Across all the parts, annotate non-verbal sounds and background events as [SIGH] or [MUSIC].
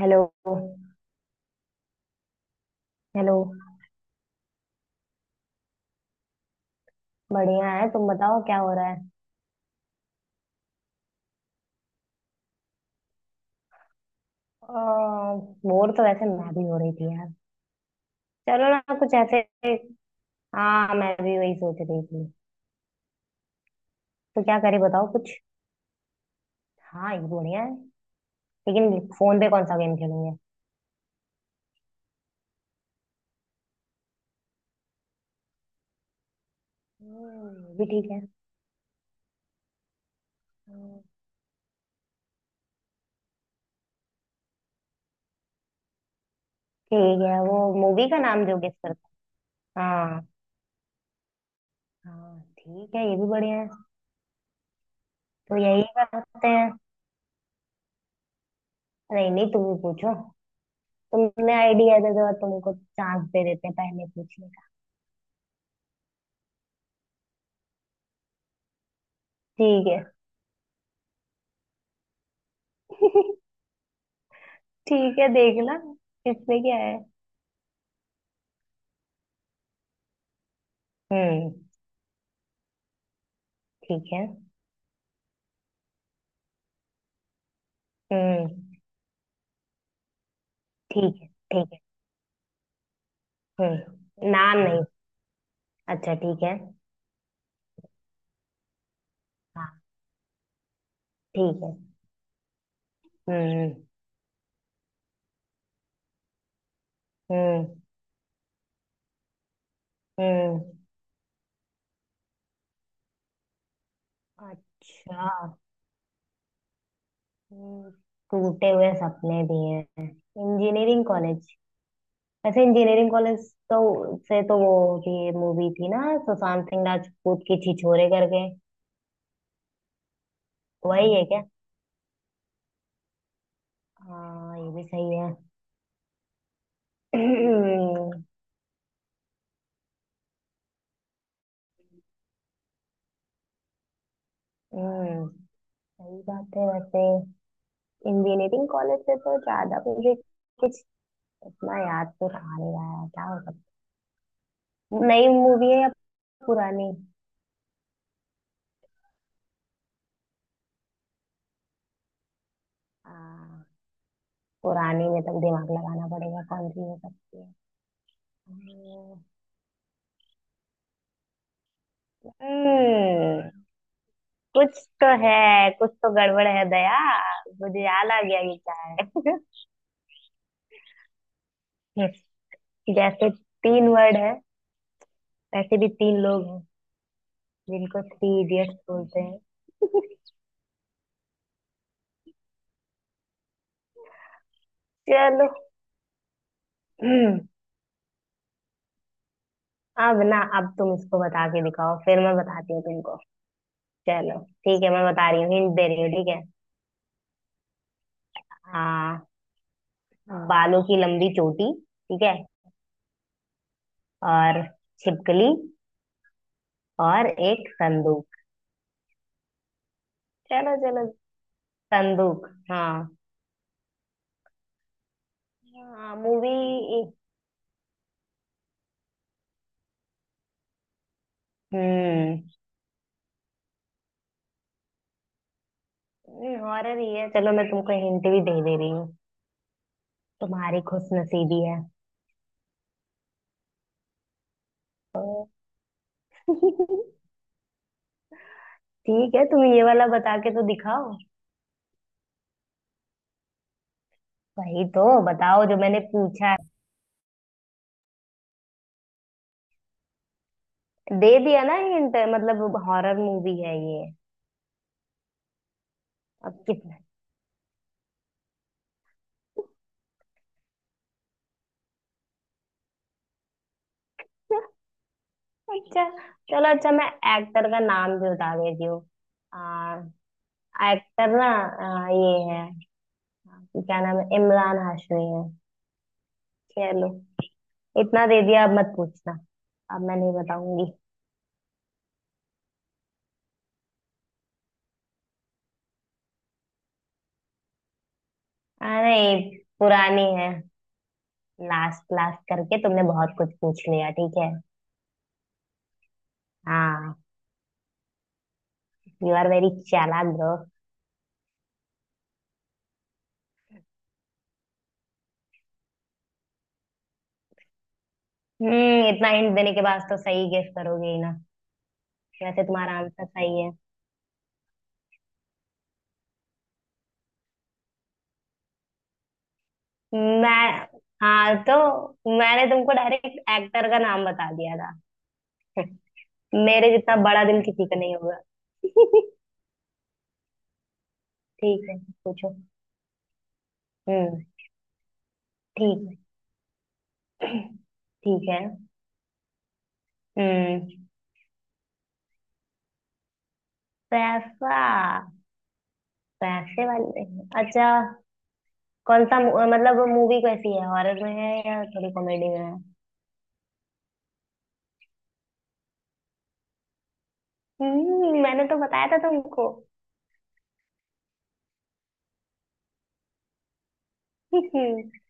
Hello. Hello. बढ़िया है। तुम बताओ क्या हो रहा है। बोर तो वैसे मैं भी हो रही थी यार। चलो ना कुछ ऐसे। हाँ, मैं भी वही सोच रही थी। तो क्या करे बताओ कुछ। हाँ, ये बढ़िया है। लेकिन फोन पे कौन सा गेम खेलेंगे? ये भी ठीक है। हम्म, ठीक है। वो मूवी का नाम जो गेस करता। हाँ, हाँ, ठीक है, ये भी बढ़िया है। तो यही करते हैं। नहीं, नहीं, तुम ही पूछो। तुमने आइडिया दे दो, तुमको चांस दे देते हैं पहले पूछने का। ठीक है। [LAUGHS] ठीक है, देखना। इसमें क्या है। हम्म ठीक है। हम्म ठीक है, ठीक है। नाम नहीं। अच्छा, ठीक है। हाँ, ठीक है। हम्म। हम्म। हम्म। अच्छा। हम्म, टूटे हुए सपने भी हैं, इंजीनियरिंग कॉलेज। वैसे इंजीनियरिंग कॉलेज तो से तो वो होती है मूवी थी ना। सुशांत सिंह राजपूत की छिछोरे करके। वही है क्या? हाँ, ये भी सही है। [CLEARS THROAT] हम्म, सही बात है वैसे। इंजीनियरिंग कॉलेज से तो ज्यादा मुझे कुछ इतना याद तो रहा नहीं, रहा है क्या हो सकता। नई मूवी है या पुरानी? आ, पुरानी में तब दिमाग लगाना पड़ेगा, कौन सी हो सकती है। हम्म कुछ तो है, कुछ तो गड़बड़ है दया। मुझे याद आ गया कि क्या है। [LAUGHS] जैसे। तीन वर्ड है। वैसे भी तीन लोग हैं जिनको थ्री इडियट्स बोलते हैं। चलो। [CLEARS THROAT] अब ना, अब तुम इसको बता के दिखाओ, फिर मैं बताती हूँ तुमको। चलो। ठीक है, मैं बता रही हूँ, हिंट दे रही हूँ, ठीक है। आ, बालों की लंबी चोटी। ठीक है। और छिपकली। और एक संदूक। चलो, चलो। संदूक, हाँ। हाँ, मूवी। एक। हम्म। हॉरर ही है, चलो मैं तुमको हिंट भी दे दे रही हूँ। तुम्हारी खुश नसीबी है। तो। [LAUGHS] ठीक है, तुम ये वाला बता के तो दिखाओ। वही तो बताओ जो मैंने पूछा। दे दिया ना हिंट, मतलब हॉरर मूवी है ये। अब कितना। [LAUGHS] अच्छा, चलो, अच्छा, मैं एक्टर का नाम भी बता देती हूँ। आ, एक्टर ना ये है। क्या नाम है, इमरान हाशमी है। चलो। इतना दे दिया, अब मत पूछना। अब मैं नहीं बताऊंगी। नहीं, पुरानी है। लास्ट लास्ट करके तुमने बहुत कुछ पूछ लिया, ठीक है। हाँ। यू आर वेरी चालाक ब्रो। इतना हिंट देने के बाद तो सही गेस करोगे ही ना। वैसे तुम्हारा आंसर सही है। मैं। हाँ, तो मैंने तुमको डायरेक्ट एक्टर का नाम बता दिया था। [LAUGHS] मेरे जितना बड़ा दिल किसी का नहीं होगा। [LAUGHS] ठीक है, पूछो। हम्म। ठीक है। [CLEARS THROAT] ठीक है। हम्म। पैसा। पैसे वाले। अच्छा, कौन सा मतलब मूवी कैसी है, हॉरर में है या थोड़ी कॉमेडी में है? मैंने तो बताया था तुमको। [LAUGHS]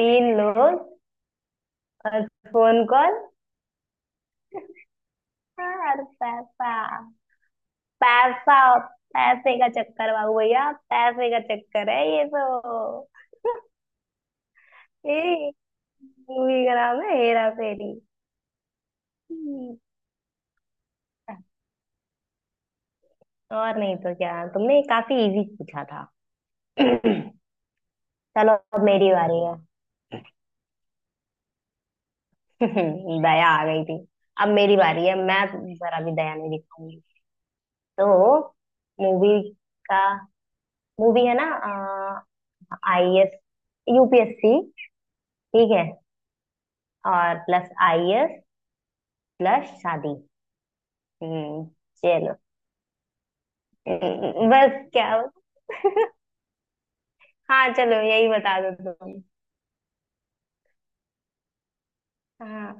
तीन लोग। और फोन कॉल। और पैसा। पैसा। पैसे का चक्कर बाबू भैया, पैसे का चक्कर है ये तो। ये मूवी का नाम है, हेरा फेरी। हम्म, और नहीं तो क्या, तुमने काफी इजी पूछा था। [CLEARS THROAT] चलो, अब मेरी बारी है। [LAUGHS] दया आ गई थी। अब मेरी बारी है, मैं जरा भी दया नहीं दिखाऊंगी। तो मूवी का मूवी है ना? आईएएस, यूपीएससी, ठीक है। और प्लस आईएएस प्लस शादी। हम्म। चलो। बस क्या? हाँ, चलो यही बता दो तुम। हाँ।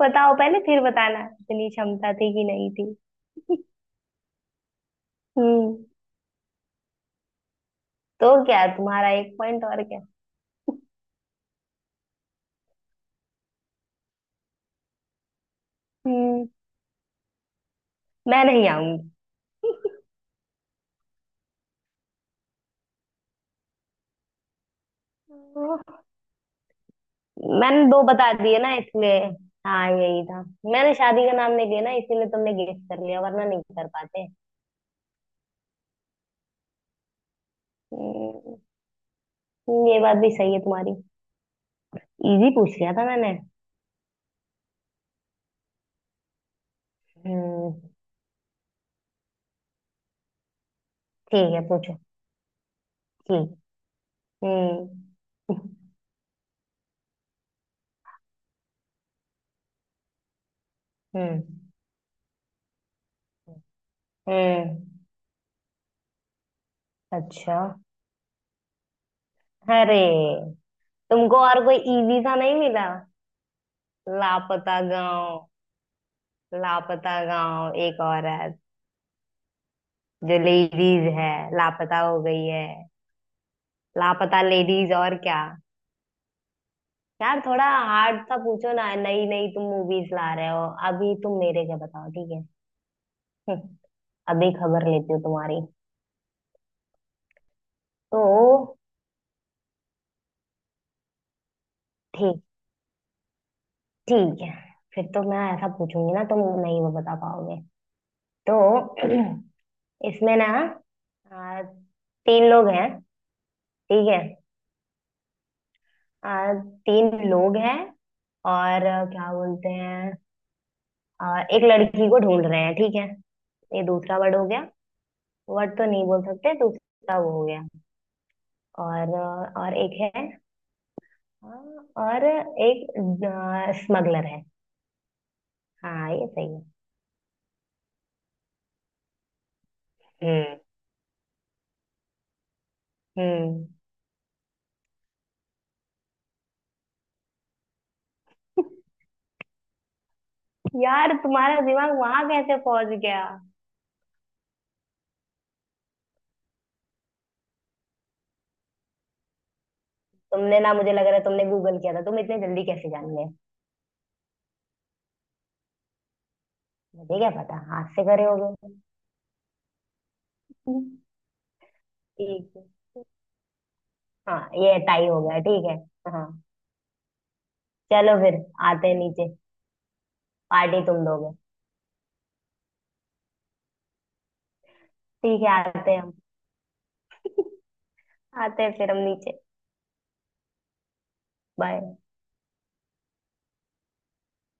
बताओ पहले, फिर बताना इतनी क्षमता थी कि नहीं थी। हम्म तो क्या, तुम्हारा एक पॉइंट और, क्या? हम्म। मैं नहीं आऊंगी। मैंने दो बता दिए ना इसलिए। हाँ, यही था। मैंने शादी का नाम नहीं लिया ना, इसीलिए तुमने गेस कर लिया, वरना नहीं कर पाते। हम्म, ये बात भी सही है तुम्हारी। इजी पूछ लिया था मैंने। हम्म। ठीक है, पूछो। ठीक। हम्म। हम्म। हम्म। अच्छा। अरे। तुमको और कोई इजी सा नहीं मिला? लापता गांव। लापता गांव, एक औरत जो लेडीज है। लापता हो गई है। लापता लेडीज, और क्या। यार थोड़ा हार्ड सा पूछो ना, नई नई तुम मूवीज ला रहे हो अभी, तुम मेरे क्या बताओ, ठीक है। हम्म, अभी खबर लेती हूँ तुम्हारी। तो ठीक, ठीक है। फिर तो मैं ऐसा पूछूंगी ना, तुम नहीं वो बता पाओगे। तो [CLEARS THROAT] इसमें ना। तीन लोग हैं। ठीक है। आ, तीन लोग हैं। और क्या बोलते हैं। एक लड़की को ढूंढ रहे हैं, ठीक है। ये दूसरा वर्ड हो गया। वर्ड तो नहीं बोल सकते, दूसरा वो हो गया। और एक है। हाँ, और। एक स्मगलर है। हाँ, ये सही है। हम्म। हम्म। यार तुम्हारा दिमाग वहां कैसे पहुंच गया? तुमने ना, मुझे लग रहा है तुमने गूगल किया था, तुम इतने जल्दी कैसे जान गए? मुझे क्या पता, हाथ से करे होगे। ठीक। हाँ, ये टाई हो गया, ठीक है। हाँ। चलो फिर, आते हैं नीचे। पार्टी तुम दोगे। ठीक है। आते हैं हम। आते हैं फिर हम नीचे। बाय।